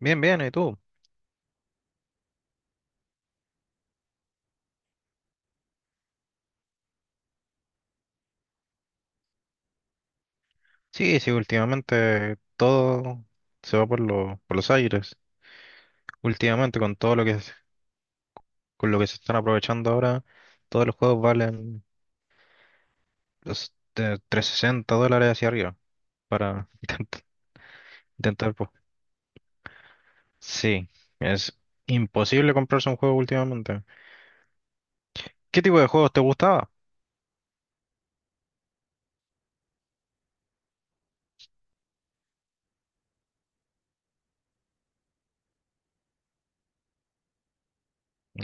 Bien, bien, ¿y tú? Sí, sí, últimamente todo se va por los aires. Últimamente con lo que se están aprovechando ahora, todos los juegos valen los de $360 hacia arriba para intent- intentar, pues. Sí, es imposible comprarse un juego últimamente. ¿Qué tipo de juegos te gustaba?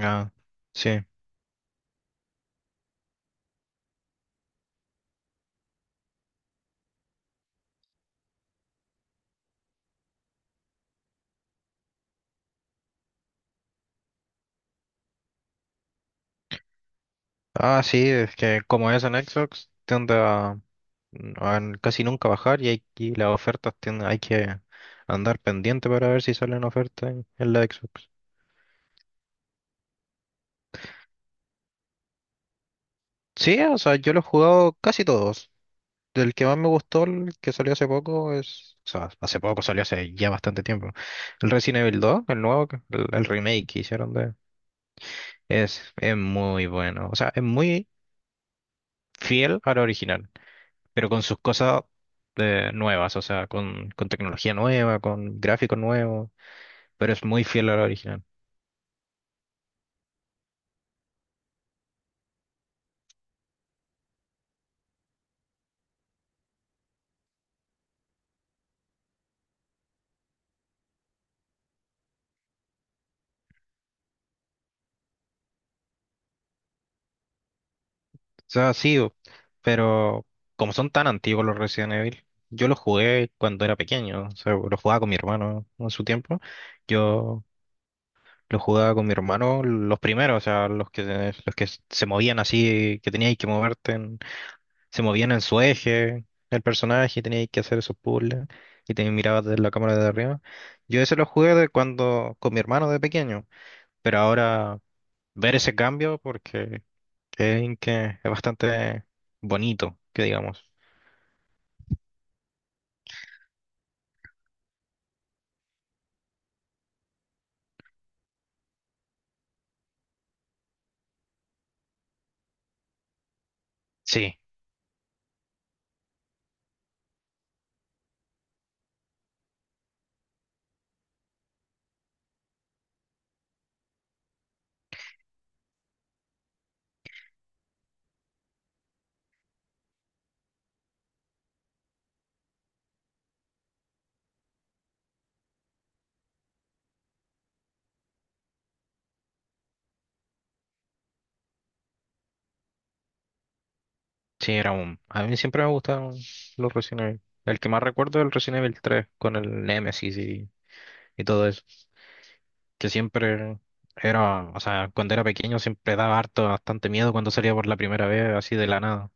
Ah, sí. Ah, sí, es que como es en Xbox, tiende a casi nunca bajar y, hay, y las ofertas tienden, hay que andar pendiente para ver si salen ofertas en la Xbox. Sí, o sea, yo lo he jugado casi todos. Del que más me gustó, el que salió hace poco, es. O sea, hace poco salió hace ya bastante tiempo. El Resident Evil 2, el nuevo, el remake que hicieron de. Es muy bueno. O sea, es muy fiel al original, pero con sus cosas nuevas, o sea, con tecnología nueva, con gráficos nuevos, pero es muy fiel a la original. O sea, sí, pero como son tan antiguos los Resident Evil, yo los jugué cuando era pequeño, o sea, los jugaba con mi hermano en su tiempo, yo los jugaba con mi hermano los primeros, o sea, los que se movían así, que tenías que moverte en, se movían en su eje el personaje y tenías que hacer esos puzzles y te mirabas desde la cámara de arriba. Yo ese lo jugué de cuando con mi hermano de pequeño, pero ahora ver ese cambio porque creen que es bastante bonito, que digamos. Sí, sí. A mí siempre me gustaron los Resident Evil. El que más recuerdo es el Resident Evil 3 con el Nemesis y todo eso, que siempre. Era, o sea, cuando era pequeño siempre daba harto, bastante miedo cuando salía por la primera vez, así de la nada.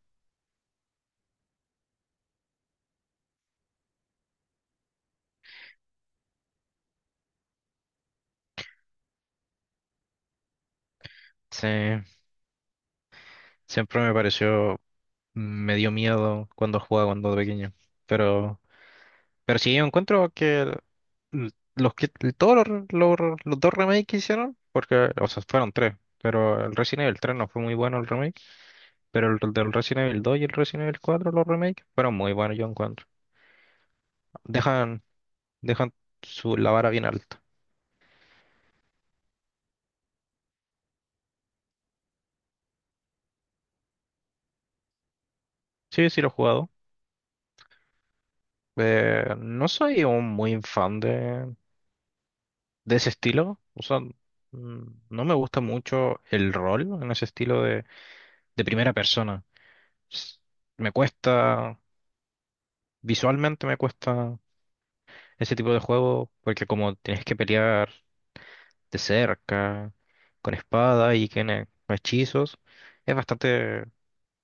Sí, siempre me pareció, me dio miedo cuando jugaba cuando era pequeño. Pero, pero sí, yo encuentro que el- l- los que todos los, re- los re- los dos remakes que hicieron, porque, o sea, fueron tres, pero el Resident Evil 3 no fue muy bueno el remake, pero del Resident Evil 2 y el Resident Evil 4, los remakes, fueron muy buenos, yo encuentro. Dejan, dejan la vara bien alta. Sí, sí lo he jugado. No soy un muy fan de ese estilo. O sea, no me gusta mucho el rol en ese estilo de primera persona. S- Me cuesta, visualmente me cuesta ese tipo de juego porque como tienes que pelear de cerca, con espada y tiene hechizos, es bastante,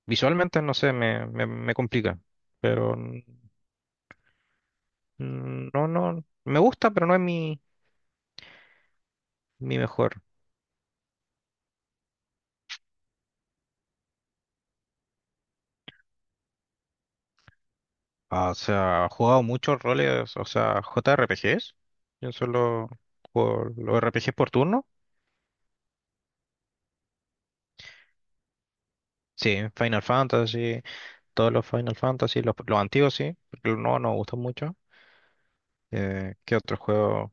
visualmente no sé, me complica. Pero no, no, me gusta, pero no es mi mejor. Ah, o sea, ha jugado muchos roles, o sea, JRPGs. Yo solo juego los RPGs por turno. Sí, Final Fantasy, todos los Final Fantasy, los antiguos sí, porque los nuevos no me gustan mucho. ¿Qué otro juego?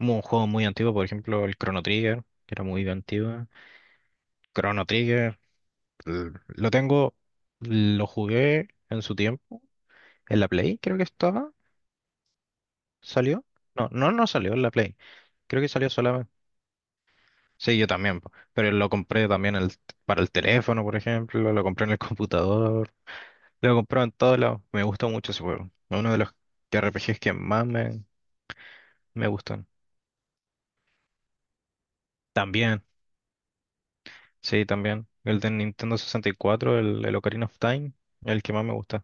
Un juego muy antiguo, por ejemplo, el Chrono Trigger, que era muy antiguo. Chrono Trigger, lo tengo, lo jugué en su tiempo, en la Play, creo que estaba, salió. No, no, no salió en la Play, creo que salió solamente. Sí, yo también, po. Pero lo compré también para el teléfono, por ejemplo, lo compré en el computador, lo compré en todos lados. Me gustó mucho ese juego. Uno de los RPGs que más me gustan. También, sí, también. El de Nintendo 64, el Ocarina of Time, el que más me gusta.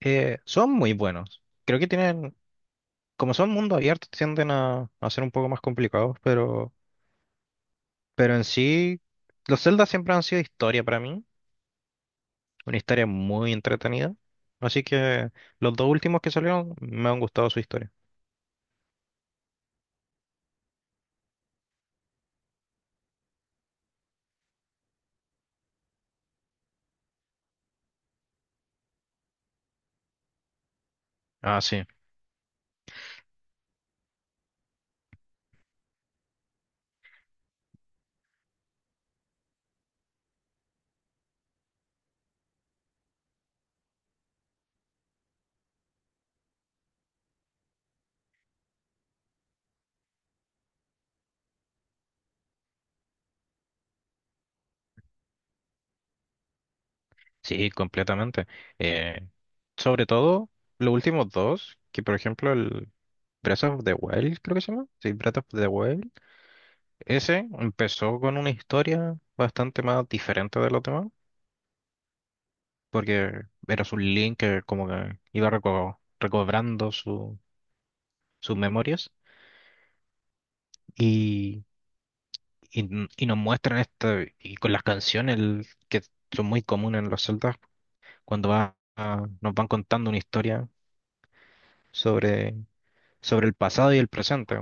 Son muy buenos. Creo que tienen, como son mundo abierto, tienden a ser un poco más complicados, pero en sí, los Zelda siempre han sido historia para mí. Una historia muy entretenida. Así que los dos últimos que salieron me han gustado su historia. Ah, sí, sí, completamente. Eh, sobre todo los últimos dos, que por ejemplo el Breath of the Wild, creo que se llama. Sí, Breath of the Wild. Ese empezó con una historia bastante más diferente de los demás, porque era un Link que como que iba recobrando sus memorias. y Y, y nos muestran esto, y con las canciones que son muy comunes en los celtas, cuando va, nos van contando una historia sobre, sobre el pasado y el presente.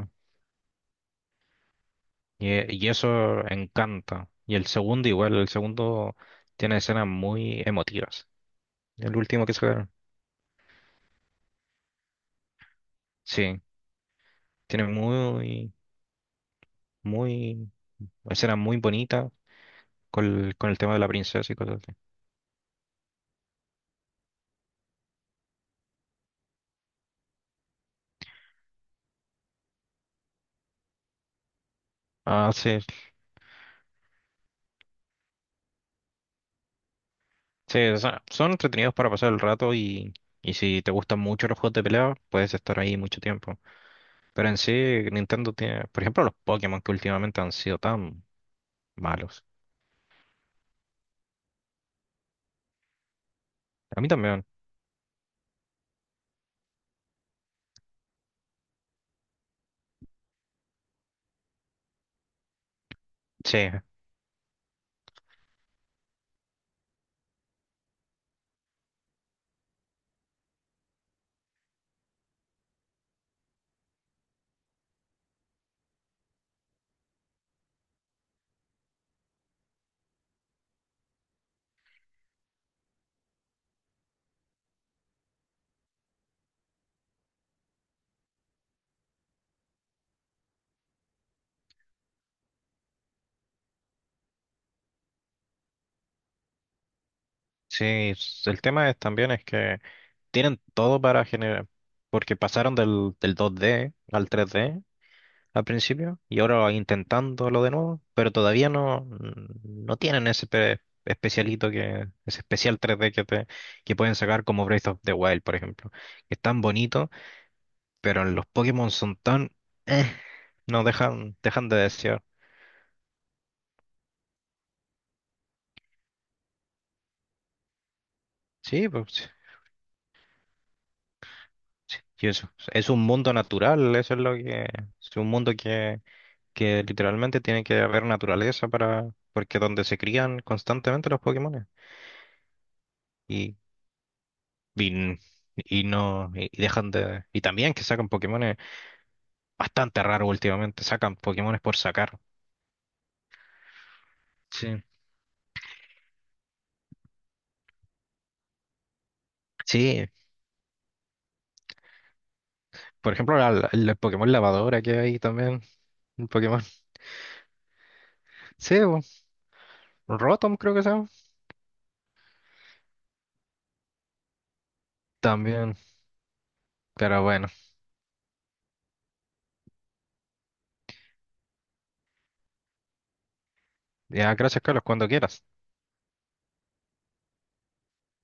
Y eso encanta. Y el segundo igual, el segundo tiene escenas muy emotivas. El último que sacaron. Sí, tiene muy, muy, escenas muy bonitas con, con el tema de la princesa y cosas así. Ah, sí. Sí, o sea, son entretenidos para pasar el rato y si te gustan mucho los juegos de pelea, puedes estar ahí mucho tiempo. Pero en sí, Nintendo tiene, por ejemplo, los Pokémon que últimamente han sido tan malos. A mí también. Sí, sí. El tema es también es que tienen todo para generar, porque pasaron del 2D al 3D al principio y ahora intentándolo de nuevo, pero todavía no tienen ese especialito que, ese especial 3D que, que pueden sacar como Breath of the Wild, por ejemplo, que es tan bonito, pero en los Pokémon son tan. Eh, no dejan de desear. Sí, pues y eso. Es un mundo natural, eso es lo que. Es un mundo que literalmente tiene que haber naturaleza para. Porque donde se crían constantemente los Pokémon. Y, y no, y dejan de. Y también que sacan Pokémones bastante raros últimamente, sacan Pokémones por sacar. Sí. Sí. Por ejemplo, el Pokémon lavadora que hay también. Un Pokémon. Sí, Rotom creo que se llama. También. Pero bueno. Ya, gracias, Carlos, cuando quieras.